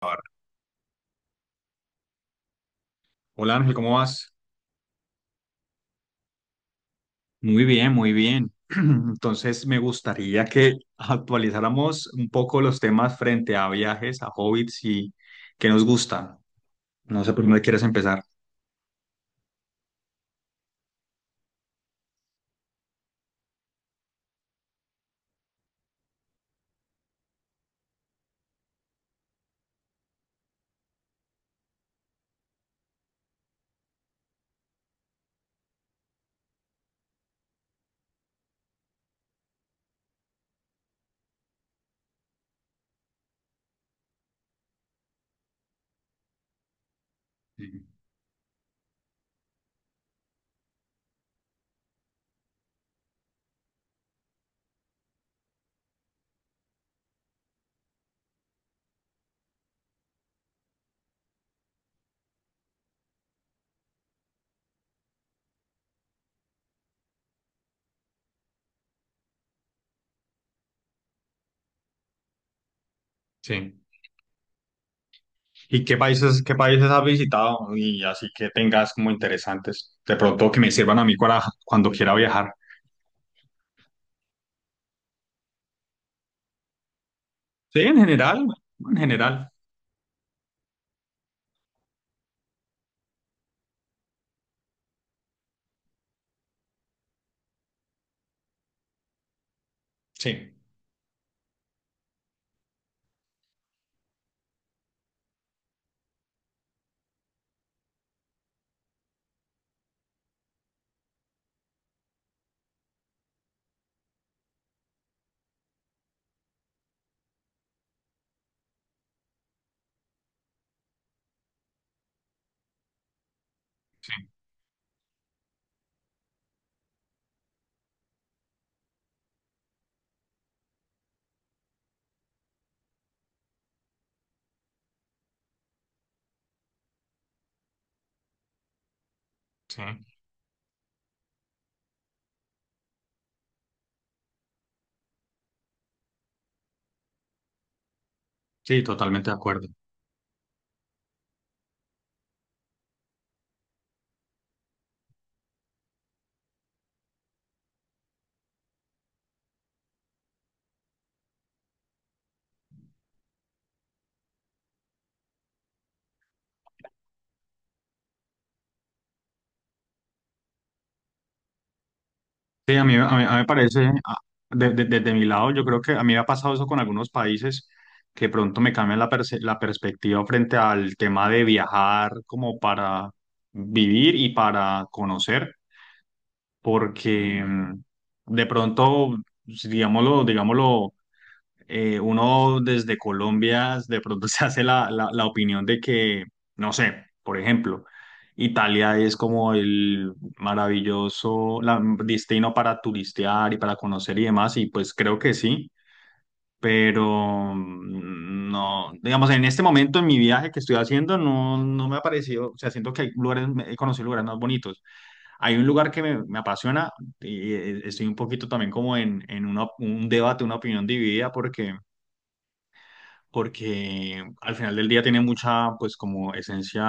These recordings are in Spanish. Ahora. Hola Ángel, ¿cómo vas? Muy bien, muy bien. Entonces me gustaría que actualizáramos un poco los temas frente a viajes, a hobbits y qué nos gusta. No sé por dónde quieres empezar. Sí. Sí. ¿Y qué países has visitado? Y así que tengas como interesantes, de pronto que me sirvan a mí para cuando quiera viajar. Sí, en general, en general. Sí, sí, sí. Sí, totalmente de acuerdo. Sí, a mí me parece, desde mi lado, yo creo que a mí me ha pasado eso con algunos países que pronto me cambian la, la perspectiva frente al tema de viajar como para vivir y para conocer, porque de pronto, si digámoslo, digámoslo, uno desde Colombia de pronto se hace la, la opinión de que, no sé, por ejemplo, Italia es como el maravilloso destino para turistear y para conocer y demás, y pues creo que sí, pero no, digamos, en este momento en mi viaje que estoy haciendo no, no me ha parecido. O sea, siento que hay lugares, he conocido lugares más bonitos. Hay un lugar que me apasiona y estoy un poquito también como en, un debate, una opinión dividida, porque porque al final del día tiene mucha, pues, como esencia,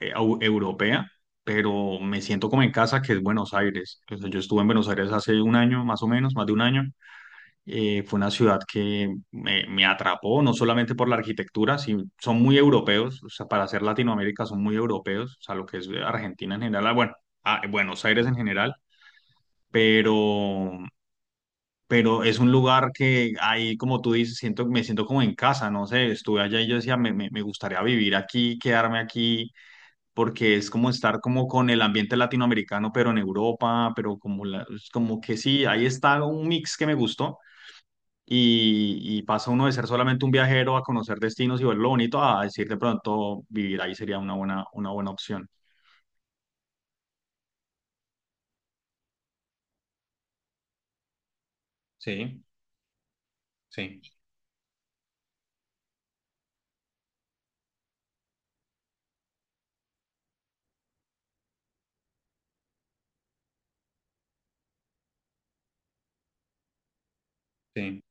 europea, pero me siento como en casa, que es Buenos Aires. O sea, yo estuve en Buenos Aires hace un año, más o menos, más de un año. Fue una ciudad que me atrapó, no solamente por la arquitectura, sí, son muy europeos, o sea, para ser Latinoamérica son muy europeos, o sea, lo que es Argentina en general, ah, bueno, ah, Buenos Aires en general, pero pero es un lugar que ahí, como tú dices, siento, me siento como en casa, no sé, estuve allá y yo decía, me, me gustaría vivir aquí, quedarme aquí, porque es como estar como con el ambiente latinoamericano, pero en Europa, pero como, la, es como que sí, ahí está un mix que me gustó. Y pasa uno de ser solamente un viajero a conocer destinos y ver lo bonito a decir de pronto vivir ahí sería una buena opción. Sí, sí, sí,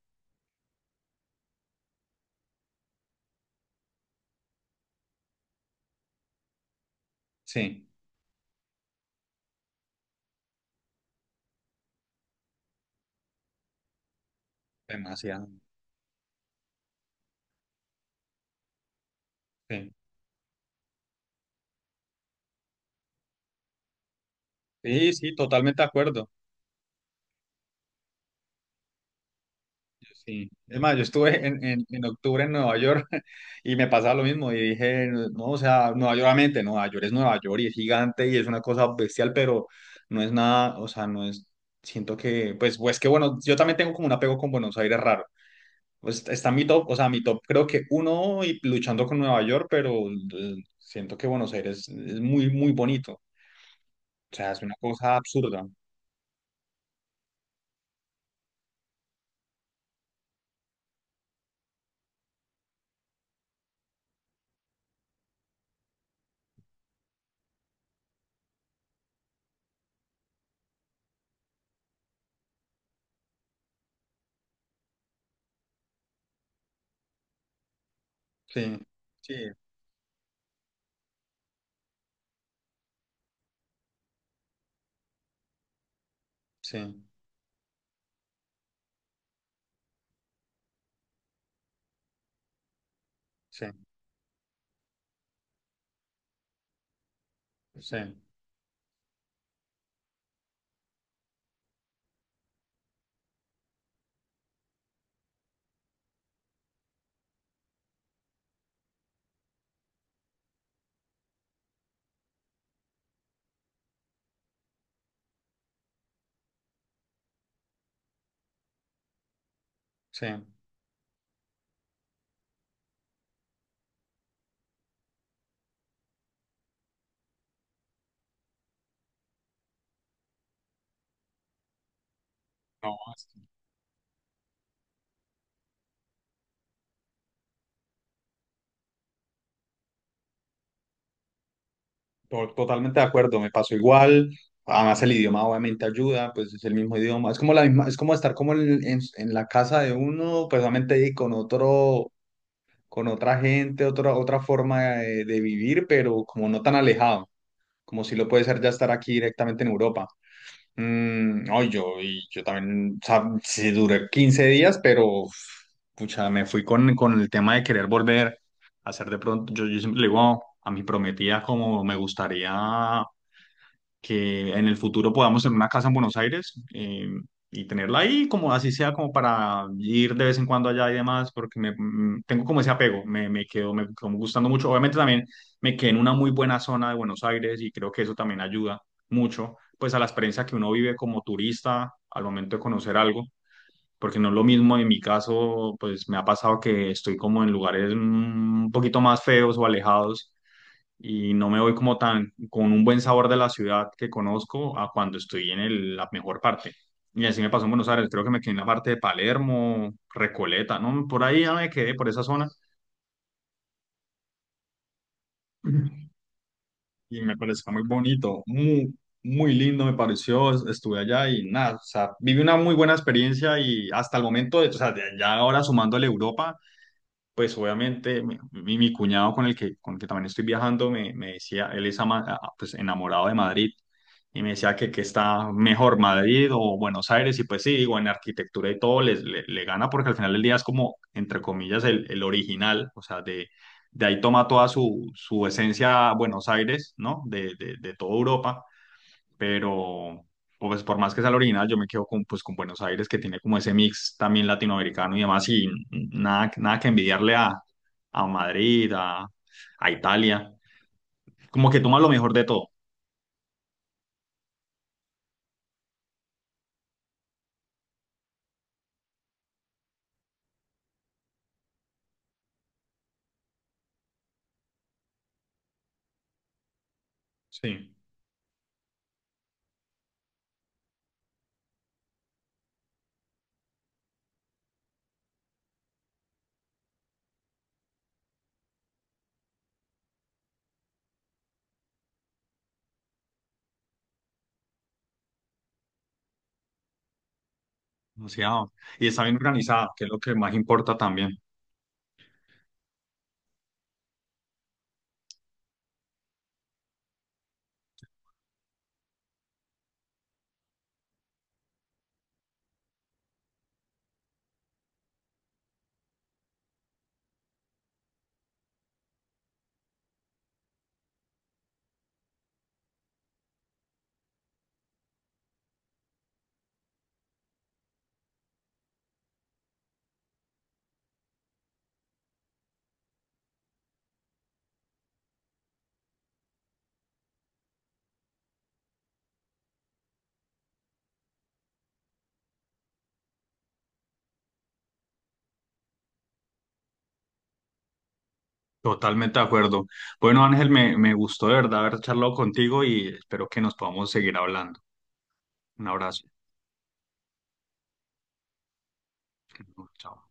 sí, demasiado. Sí, sí, sí, totalmente de acuerdo. Sí, es más, yo estuve en, en octubre en Nueva York y me pasaba lo mismo y dije, no, o sea, Nueva York, obviamente, Nueva York es Nueva York y es gigante y es una cosa bestial, pero no es nada, o sea, no es, siento que, pues, pues que bueno, yo también tengo como un apego con Buenos Aires raro. Pues está mi top, o sea, mi top creo que uno y luchando con Nueva York, pero siento que Buenos Aires es muy, muy bonito. O sea, es una cosa absurda. Sí, sí, sí, sí, sí, sí. No, totalmente de acuerdo, me pasó igual. Además, el idioma obviamente ayuda, pues es el mismo idioma. Es como la misma, es como estar como en, en la casa de uno, pues obviamente y con otro, con otra gente, otra, otra forma de vivir, pero como no tan alejado, como si lo puede ser ya estar aquí directamente en Europa. Mm, no, yo, y yo también, o sea, sí duré 15 días, pero uf, pucha, me fui con el tema de querer volver a hacer de pronto. Yo siempre le digo a mi prometida como me gustaría que en el futuro podamos tener una casa en Buenos Aires, y tenerla ahí, como así sea, como para ir de vez en cuando allá y demás, porque me, tengo como ese apego, me quedo, me como gustando mucho. Obviamente también me quedé en una muy buena zona de Buenos Aires y creo que eso también ayuda mucho, pues a la experiencia que uno vive como turista al momento de conocer algo. Porque no es lo mismo en mi caso, pues me ha pasado que estoy como en lugares, un poquito más feos o alejados y no me voy como tan con un buen sabor de la ciudad que conozco a cuando estoy en la mejor parte. Y así me pasó en Buenos Aires, creo que me quedé en la parte de Palermo, Recoleta, ¿no? Por ahí ya me quedé, por esa zona. Y me pareció muy bonito, muy, muy lindo me pareció, estuve allá y nada, o sea, viví una muy buena experiencia y hasta el momento, o sea, ya ahora sumándole Europa, pues obviamente mi, mi cuñado con el que también estoy viajando me, me decía, él es pues, enamorado de Madrid y me decía que está mejor Madrid o Buenos Aires y pues sí, digo, en arquitectura y todo les, le gana porque al final del día es como, entre comillas, el original, o sea, de ahí toma toda su, su esencia Buenos Aires, ¿no? De, de toda Europa, pero pues por más que sea la original, yo me quedo con, pues, con Buenos Aires, que tiene como ese mix también latinoamericano y demás, y nada, nada que envidiarle a Madrid, a Italia, como que toma lo mejor de todo. Sí, demasiado y está bien organizada, que es lo que más importa también. Totalmente de acuerdo. Bueno, Ángel, me gustó de verdad haber charlado contigo y espero que nos podamos seguir hablando. Un abrazo. Chao.